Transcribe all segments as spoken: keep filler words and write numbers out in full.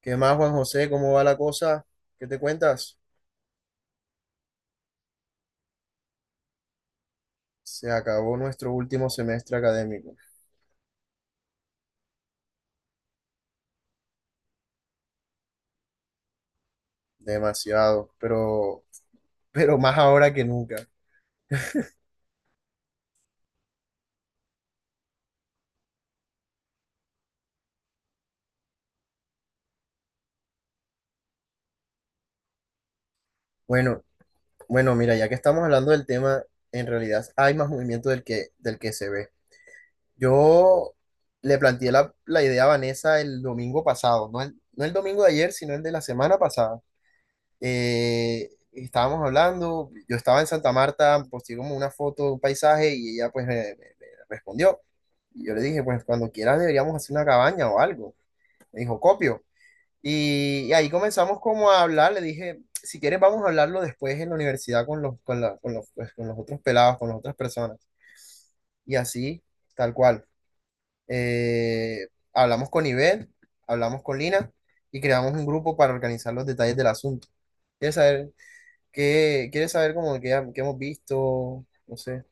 ¿Qué más, Juan José? ¿Cómo va la cosa? ¿Qué te cuentas? Se acabó nuestro último semestre académico. Demasiado, pero, pero más ahora que nunca. Bueno, bueno, mira, ya que estamos hablando del tema, en realidad hay más movimiento del que, del que se ve. Yo le planteé la, la idea a Vanessa el domingo pasado, no el, no el domingo de ayer, sino el de la semana pasada. Eh, estábamos hablando, yo estaba en Santa Marta, posté como una foto, un paisaje y ella pues me, me- me respondió. Y yo le dije, pues cuando quieras deberíamos hacer una cabaña o algo. Me dijo, copio. Y, y ahí comenzamos como a hablar, le dije, si quieres vamos a hablarlo después en la universidad con los, con la- con los, pues, con los otros pelados, con las otras personas. Y así, tal cual. Eh, hablamos con Ivel, hablamos con Lina y creamos un grupo para organizar los detalles del asunto. ¿Quieres saber? ¿Qué quieres saber como que, ha- que hemos visto? No sé.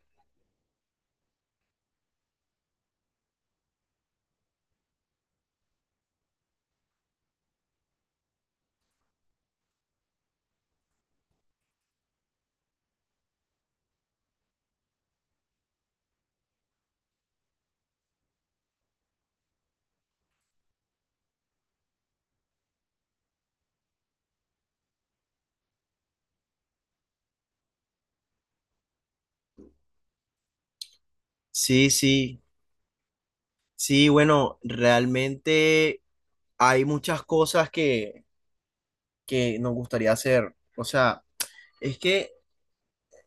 Sí, sí, sí, bueno, realmente hay muchas cosas que, que nos gustaría hacer. O sea, es que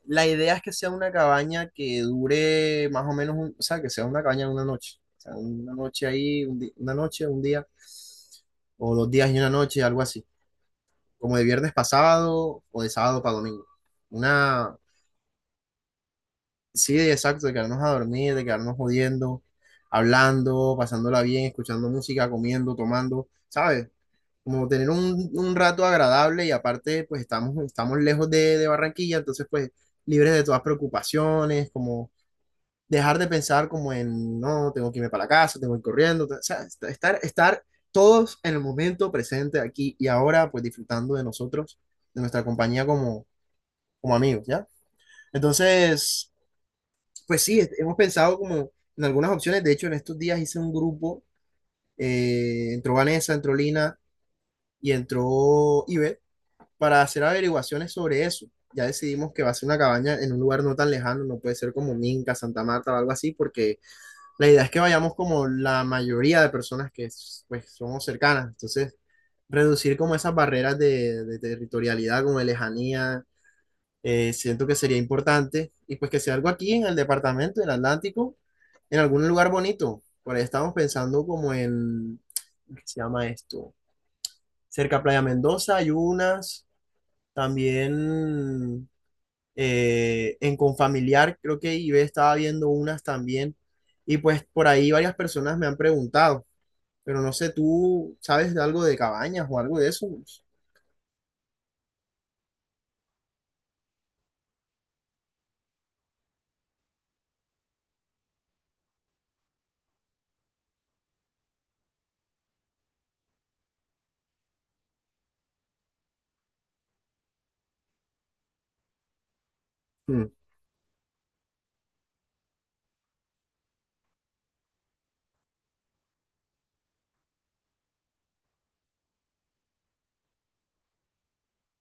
la idea es que sea una cabaña que dure más o menos, un- o sea, que sea una cabaña de una noche. O sea, una noche ahí, un di- una noche, un día, o dos días y una noche, algo así. Como de viernes pasado o de sábado para domingo. Una. Sí, exacto, de quedarnos a dormir, de quedarnos jodiendo, hablando, pasándola bien, escuchando música, comiendo, tomando, ¿sabes? Como tener un, un rato agradable y aparte, pues estamos, estamos lejos de, de Barranquilla, entonces pues libres de todas preocupaciones, como dejar de pensar como en, no, tengo que irme para la casa, tengo que ir corriendo, o sea, est- estar, estar todos en el momento presente aquí y ahora, pues disfrutando de nosotros, de nuestra compañía como, como amigos, ¿ya? Entonces... Pues sí, est- hemos pensado como en algunas opciones. De hecho, en estos días hice un grupo, eh, entró Vanessa, entró Lina y entró Ibe para hacer averiguaciones sobre eso. Ya decidimos que va a ser una cabaña en un lugar no tan lejano, no puede ser como Minca, Santa Marta o algo así, porque la idea es que vayamos como la mayoría de personas que pues somos cercanas. Entonces, reducir como esas barreras de, de territorialidad, como de lejanía eh, siento que sería importante y pues que sea algo aquí en el departamento del Atlántico, en algún lugar bonito. Por ahí estamos pensando como en, ¿qué se llama esto? Cerca a Playa Mendoza hay unas, también eh, en Confamiliar creo que Ibe estaba viendo unas también y pues por ahí varias personas me han preguntado, pero no sé, ¿tú sabes de algo de cabañas o algo de eso? Hmm,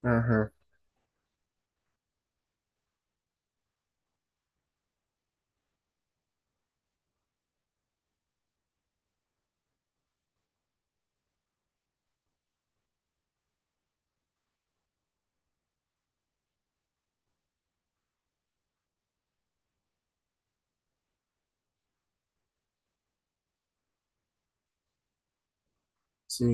ajá, sí,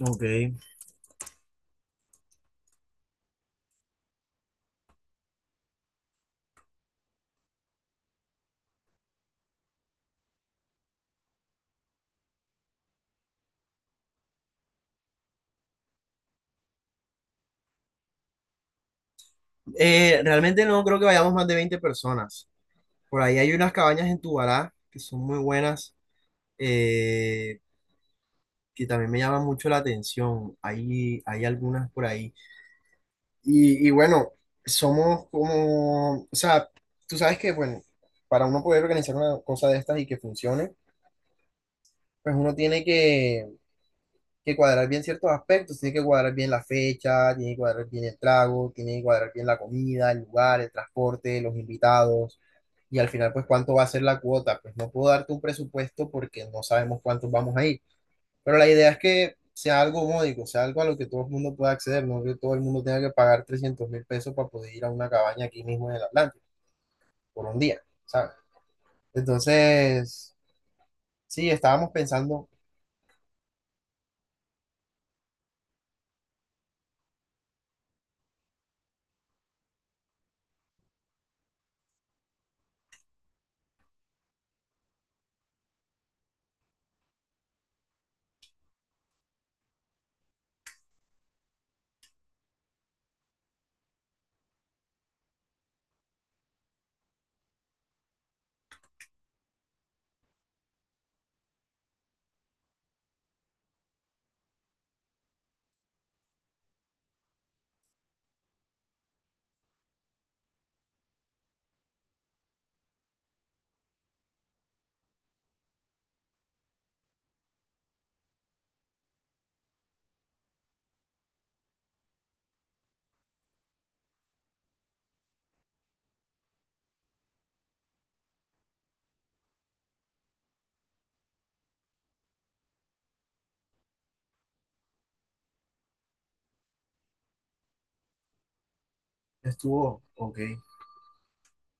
ok. Eh, realmente no creo que vayamos más de veinte personas. Por ahí hay unas cabañas en Tubará que son muy buenas, eh, que también me llaman mucho la atención. Hay, hay algunas por ahí. Y, y bueno, somos como, o sea, tú sabes que, bueno, para uno poder organizar una cosa de estas y que funcione, pues uno tiene que que cuadrar bien ciertos aspectos, tiene que cuadrar bien la fecha, tiene que cuadrar bien el trago, tiene que cuadrar bien la comida, el lugar, el transporte, los invitados, y al final, pues, cuánto va a ser la cuota. Pues no puedo darte un presupuesto porque no sabemos cuántos vamos a ir, pero la idea es que sea algo módico, sea algo a lo que todo el mundo pueda acceder, no que todo el mundo tenga que pagar trescientos mil pesos para poder ir a una cabaña aquí mismo en el Atlántico por un día, ¿sabes? Entonces, sí, estábamos pensando. Estuvo, ok.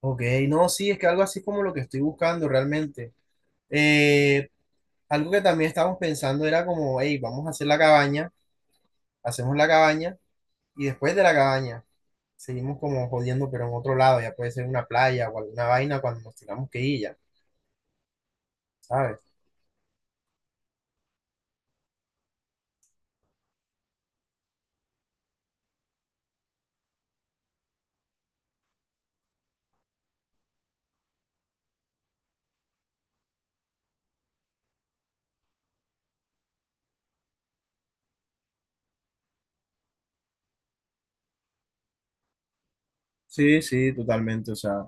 Ok, no, sí, es que algo así es como lo que estoy buscando realmente. Eh, algo que también estábamos pensando era como, hey, vamos a hacer la cabaña, hacemos la cabaña y después de la cabaña seguimos como jodiendo, pero en otro lado, ya puede ser una playa o alguna vaina cuando nos tengamos que ir ya, ¿sabes? Sí, sí, totalmente. O sea,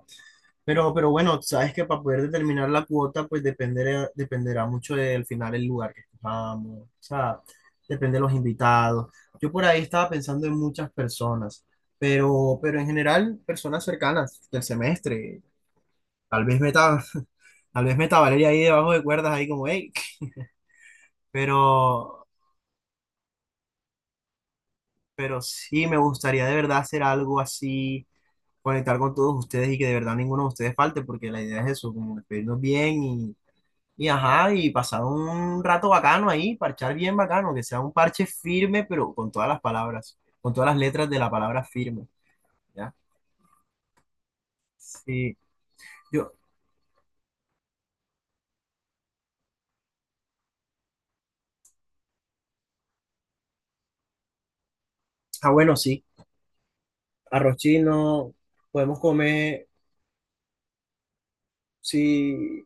Pero, pero bueno, sabes que para poder determinar la cuota, pues dependerá, dependerá mucho del final el lugar que escojamos, o sea, depende de los invitados. Yo por ahí estaba pensando en muchas personas, pero, pero en general, personas cercanas del semestre. Tal vez meta, tal vez meta a Valeria ahí debajo de cuerdas, ahí como, hey, pero, pero sí me gustaría de verdad hacer algo así, conectar con todos ustedes y que de verdad ninguno de ustedes falte, porque la idea es eso, como despedirnos bien. Y ajá, y pasar un rato bacano ahí, parchar bien bacano, que sea un parche firme, pero con todas las palabras, con todas las letras de la palabra firme, ¿ya? Sí, yo, ah, bueno, sí, arroz chino, podemos comer, sí,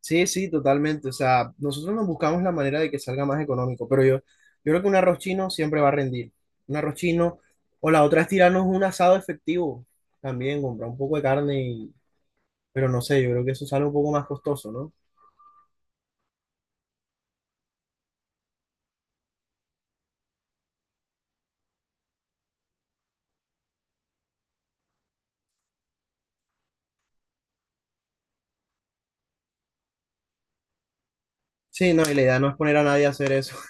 sí, sí, totalmente, o sea, nosotros nos buscamos la manera de que salga más económico, pero yo, yo creo que un arroz chino siempre va a rendir, un arroz chino, o la otra es tirarnos un asado efectivo, también, comprar un poco de carne, y- pero no sé, yo creo que eso sale un poco más costoso, ¿no? Sí, no, y la idea no es poner a nadie a hacer eso.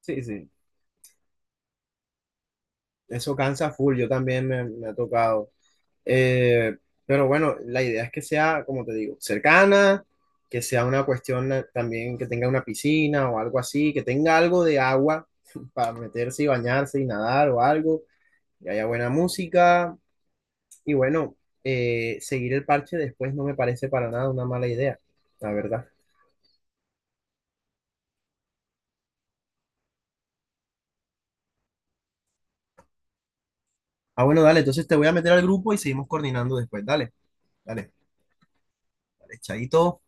Sí, sí, eso cansa full, yo también me, me ha tocado. Eh, pero bueno, la idea es que sea, como te digo, cercana, que sea una cuestión eh, también que tenga una piscina o algo así, que tenga algo de agua para meterse y bañarse y nadar o algo, que haya buena música. Y bueno, eh, seguir el parche después no me parece para nada una mala idea, la verdad. Ah, bueno, dale, entonces te voy a meter al grupo y seguimos coordinando después. Dale, dale, dale, chaito.